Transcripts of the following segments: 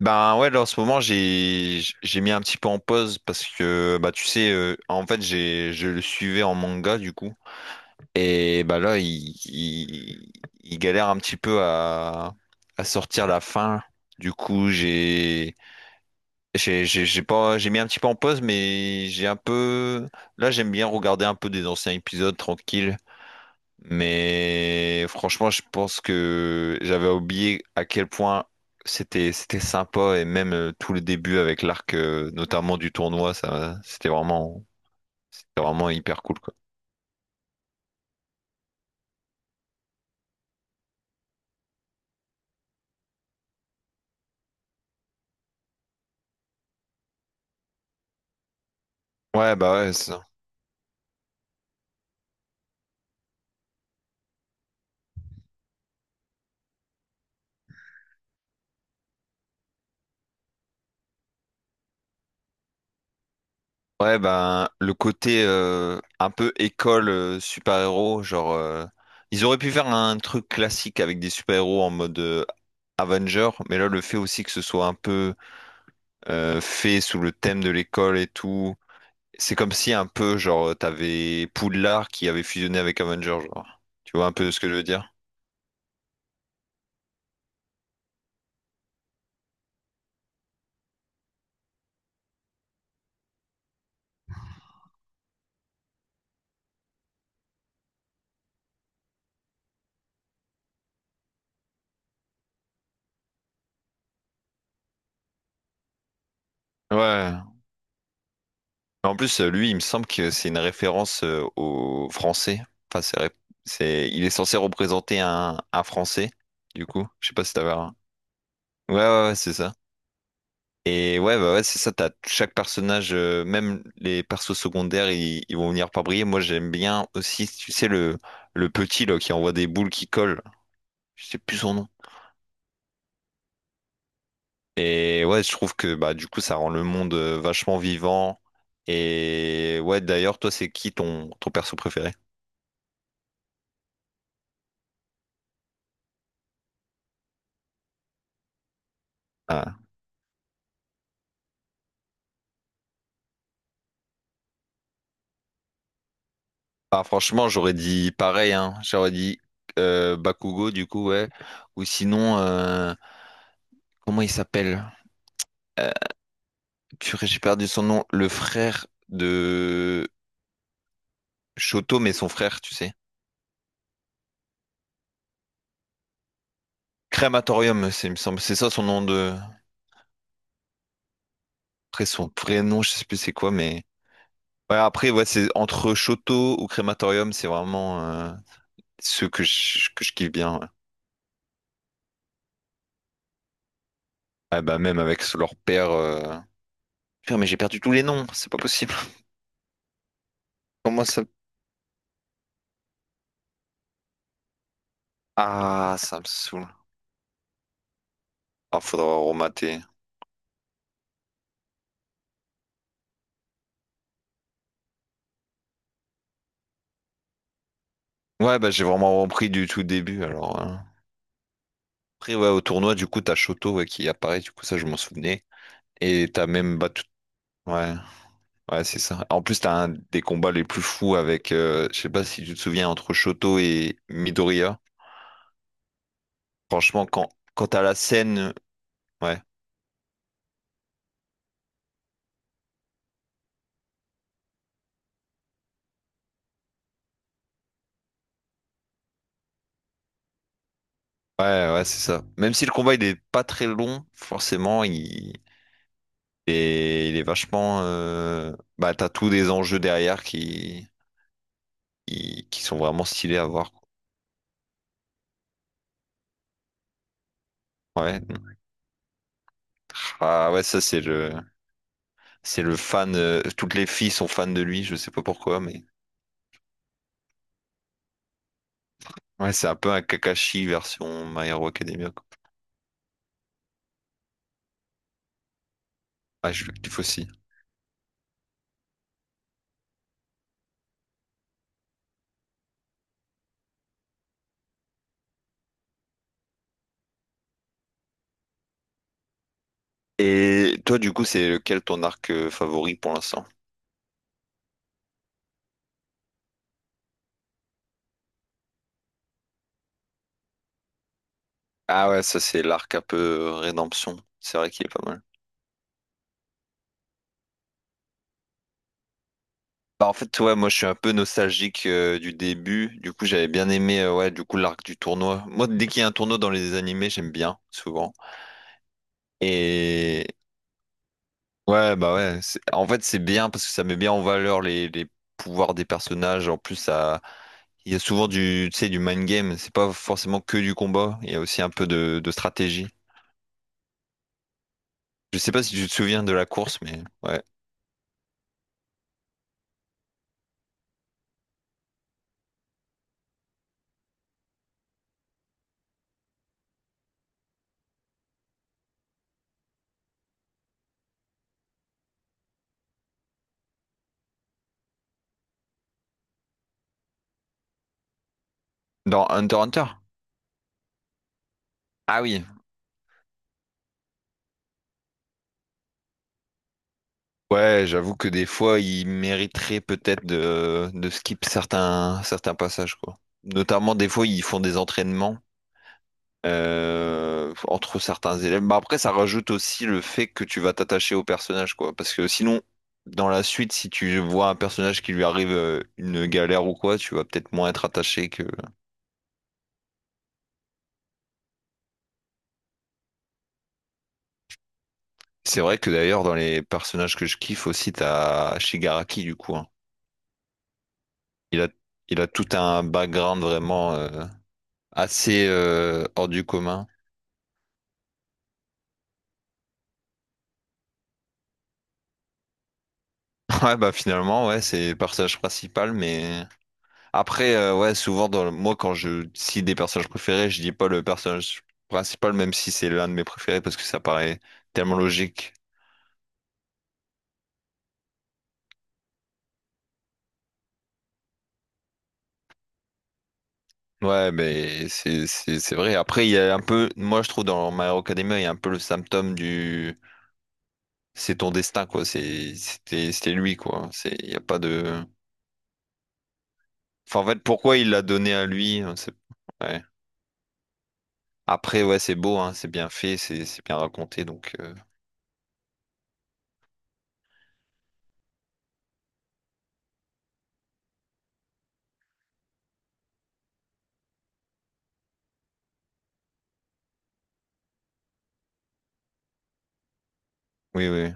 Ben ouais, là en ce moment j'ai mis un petit peu en pause parce que bah tu sais en fait j'ai je le suivais en manga du coup. Et bah là il galère un petit peu à sortir la fin du coup j'ai pas j'ai mis un petit peu en pause, mais j'ai un peu là j'aime bien regarder un peu des anciens épisodes tranquille. Mais franchement, je pense que j'avais oublié à quel point c'était sympa, et même tout le début avec l'arc notamment du tournoi, ça c'était vraiment hyper cool quoi. Ouais bah ouais c'est ça. Ouais, bah le côté un peu école super-héros, genre ils auraient pu faire un truc classique avec des super-héros en mode Avenger, mais là le fait aussi que ce soit un peu fait sous le thème de l'école et tout. C'est comme si un peu, genre, t'avais Poudlard qui avait fusionné avec Avenger, genre. Tu vois un peu ce que je veux dire? Ouais. Mais en plus, lui, il me semble que c'est une référence au français. Enfin, c'est, il est censé représenter un français, du coup. Je sais pas si t'avais un... Ouais, ouais, ouais, c'est ça. Et ouais, bah ouais, c'est ça, t'as chaque personnage, même les persos secondaires, ils vont venir par briller. Moi, j'aime bien aussi, tu sais, le petit, là, qui envoie des boules qui collent. Je sais plus son nom. Et ouais, je trouve que bah du coup ça rend le monde vachement vivant. Et ouais, d'ailleurs, toi, c'est qui ton, ton perso préféré? Ah. Ah, franchement, j'aurais dit pareil, hein. J'aurais dit Bakugo, du coup, ouais. Ou sinon, comment il s'appelle? Euh, purée, j'ai perdu son nom. Le frère de Shoto, mais son frère, tu sais. Crématorium, c'est, il me semble. C'est ça son nom de. Après, son vrai nom, je sais plus c'est quoi, mais. Ouais, après, ouais, c'est entre Shoto ou Crématorium, c'est vraiment. Ceux que je kiffe bien. Ouais. Ah bah même avec leur père. Putain, mais j'ai perdu tous les noms, c'est pas possible. Comment ça... Ah, ça me saoule. Ah, faudra remater. Ouais, bah j'ai vraiment repris du tout début alors. Hein. Après, ouais, au tournoi, du coup, t'as Shoto ouais, qui apparaît, du coup, ça, je m'en souvenais. Et t'as même battu. Ouais, ouais, c'est ça. En plus, t'as un des combats les plus fous avec, je sais pas si tu te souviens, entre Shoto et Midoriya. Franchement, quand, quand t'as la scène, ouais, ouais, ouais, c'est ça. Même si le combat il est pas très long, forcément, il, et il est vachement. Bah, t'as tous des enjeux derrière qui sont vraiment stylés à voir. Quoi. Ouais. Ah ouais, ça c'est le fan. Toutes les filles sont fans de lui. Je sais pas pourquoi, mais ouais, c'est un peu un Kakashi version My Hero Academia. Quoi. Ah, je veux que tu aussi. Et toi, du coup, c'est lequel ton arc favori pour l'instant? Ah ouais, ça c'est l'arc un peu rédemption. C'est vrai qu'il est pas mal. Bah en fait ouais moi je suis un peu nostalgique du début du coup j'avais bien aimé ouais du coup l'arc du tournoi, moi dès qu'il y a un tournoi dans les animés j'aime bien souvent. Et ouais bah ouais en fait c'est bien parce que ça met bien en valeur les pouvoirs des personnages. En plus ça il y a souvent du tu sais du mind game, c'est pas forcément que du combat, il y a aussi un peu de stratégie. Je sais pas si tu te souviens de la course mais ouais dans Hunter x Hunter ah oui. Ouais, j'avoue que des fois, il mériterait peut-être de skip certains, certains passages, quoi. Notamment, des fois, ils font des entraînements entre certains élèves. Bah, après, ça rajoute aussi le fait que tu vas t'attacher au personnage, quoi. Parce que sinon, dans la suite, si tu vois un personnage qui lui arrive une galère ou quoi, tu vas peut-être moins être attaché que... C'est vrai que d'ailleurs, dans les personnages que je kiffe aussi, t'as Shigaraki, du coup. Hein. Il a, il a tout un background vraiment... assez hors du commun. Ouais, bah finalement, ouais, c'est le personnage principal, mais après, ouais, souvent, dans moi, quand je cite des personnages préférés, je dis pas le personnage principal, même si c'est l'un de mes préférés, parce que ça paraît tellement logique. Ouais, mais c'est vrai. Après, il y a un peu, moi, je trouve, dans My Hero Academia, il y a un peu le symptôme du c'est ton destin, quoi. C'est c'était lui, quoi. C'est il y a pas de. Enfin, en fait, pourquoi il l'a donné à lui? Ouais. Après, ouais, c'est beau, hein, c'est bien fait, c'est bien raconté, donc oui, oui.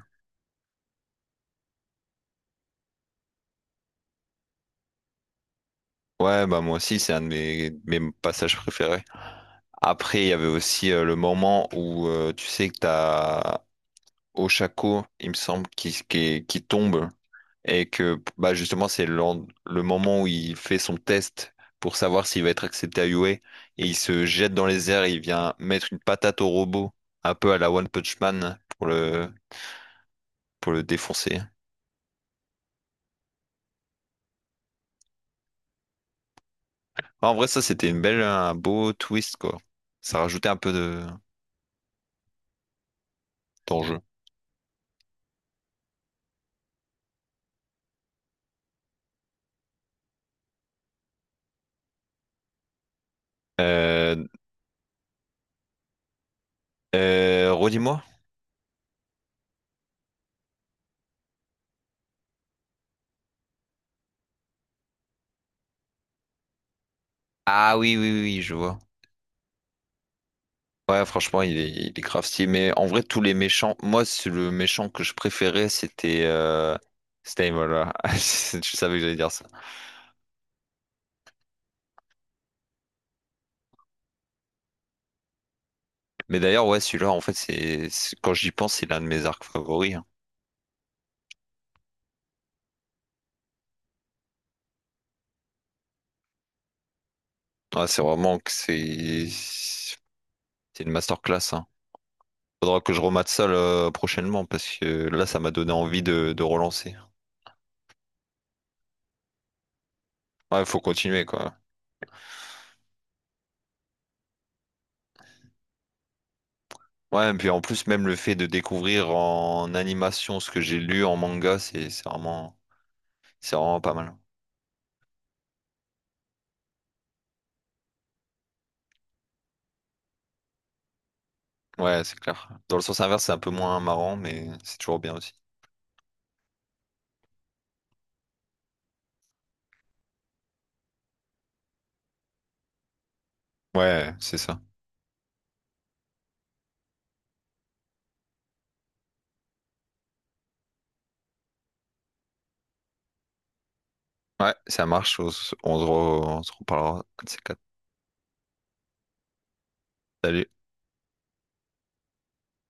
Ouais, bah moi aussi, c'est un de mes, mes passages préférés. Après, il y avait aussi le moment où tu sais que t'as Oshako, il me semble, qui, qui tombe, et que bah justement c'est le moment où il fait son test pour savoir s'il va être accepté à UA, et il se jette dans les airs et il vient mettre une patate au robot, un peu à la One Punch Man pour le défoncer. Bah, en vrai, ça, c'était une belle, un beau twist, quoi. Ça rajoutait un peu de d'enjeu. Euh, redis-moi. Ah oui, oui, oui, oui, je vois. Ouais, franchement, il est grave stylé. Mais en vrai, tous les méchants, moi, c'est le méchant que je préférais, c'était c'était Imola. Je savais que j'allais dire ça. Mais d'ailleurs, ouais, celui-là, en fait, quand j'y pense, c'est l'un de mes arcs favoris. Hein. Ouais, c'est vraiment que c'est une masterclass. Hein. Faudra que je remate ça là, prochainement parce que là, ça m'a donné envie de relancer. Ouais, faut continuer, quoi. Ouais, et puis en plus, même le fait de découvrir en animation ce que j'ai lu en manga, c'est vraiment, c'est vraiment pas mal. Ouais, c'est clair. Dans le sens inverse, c'est un peu moins marrant, mais c'est toujours bien aussi. Ouais, c'est ça. Ouais, ça marche. On, on se reparlera. Un de ces quatre. Salut.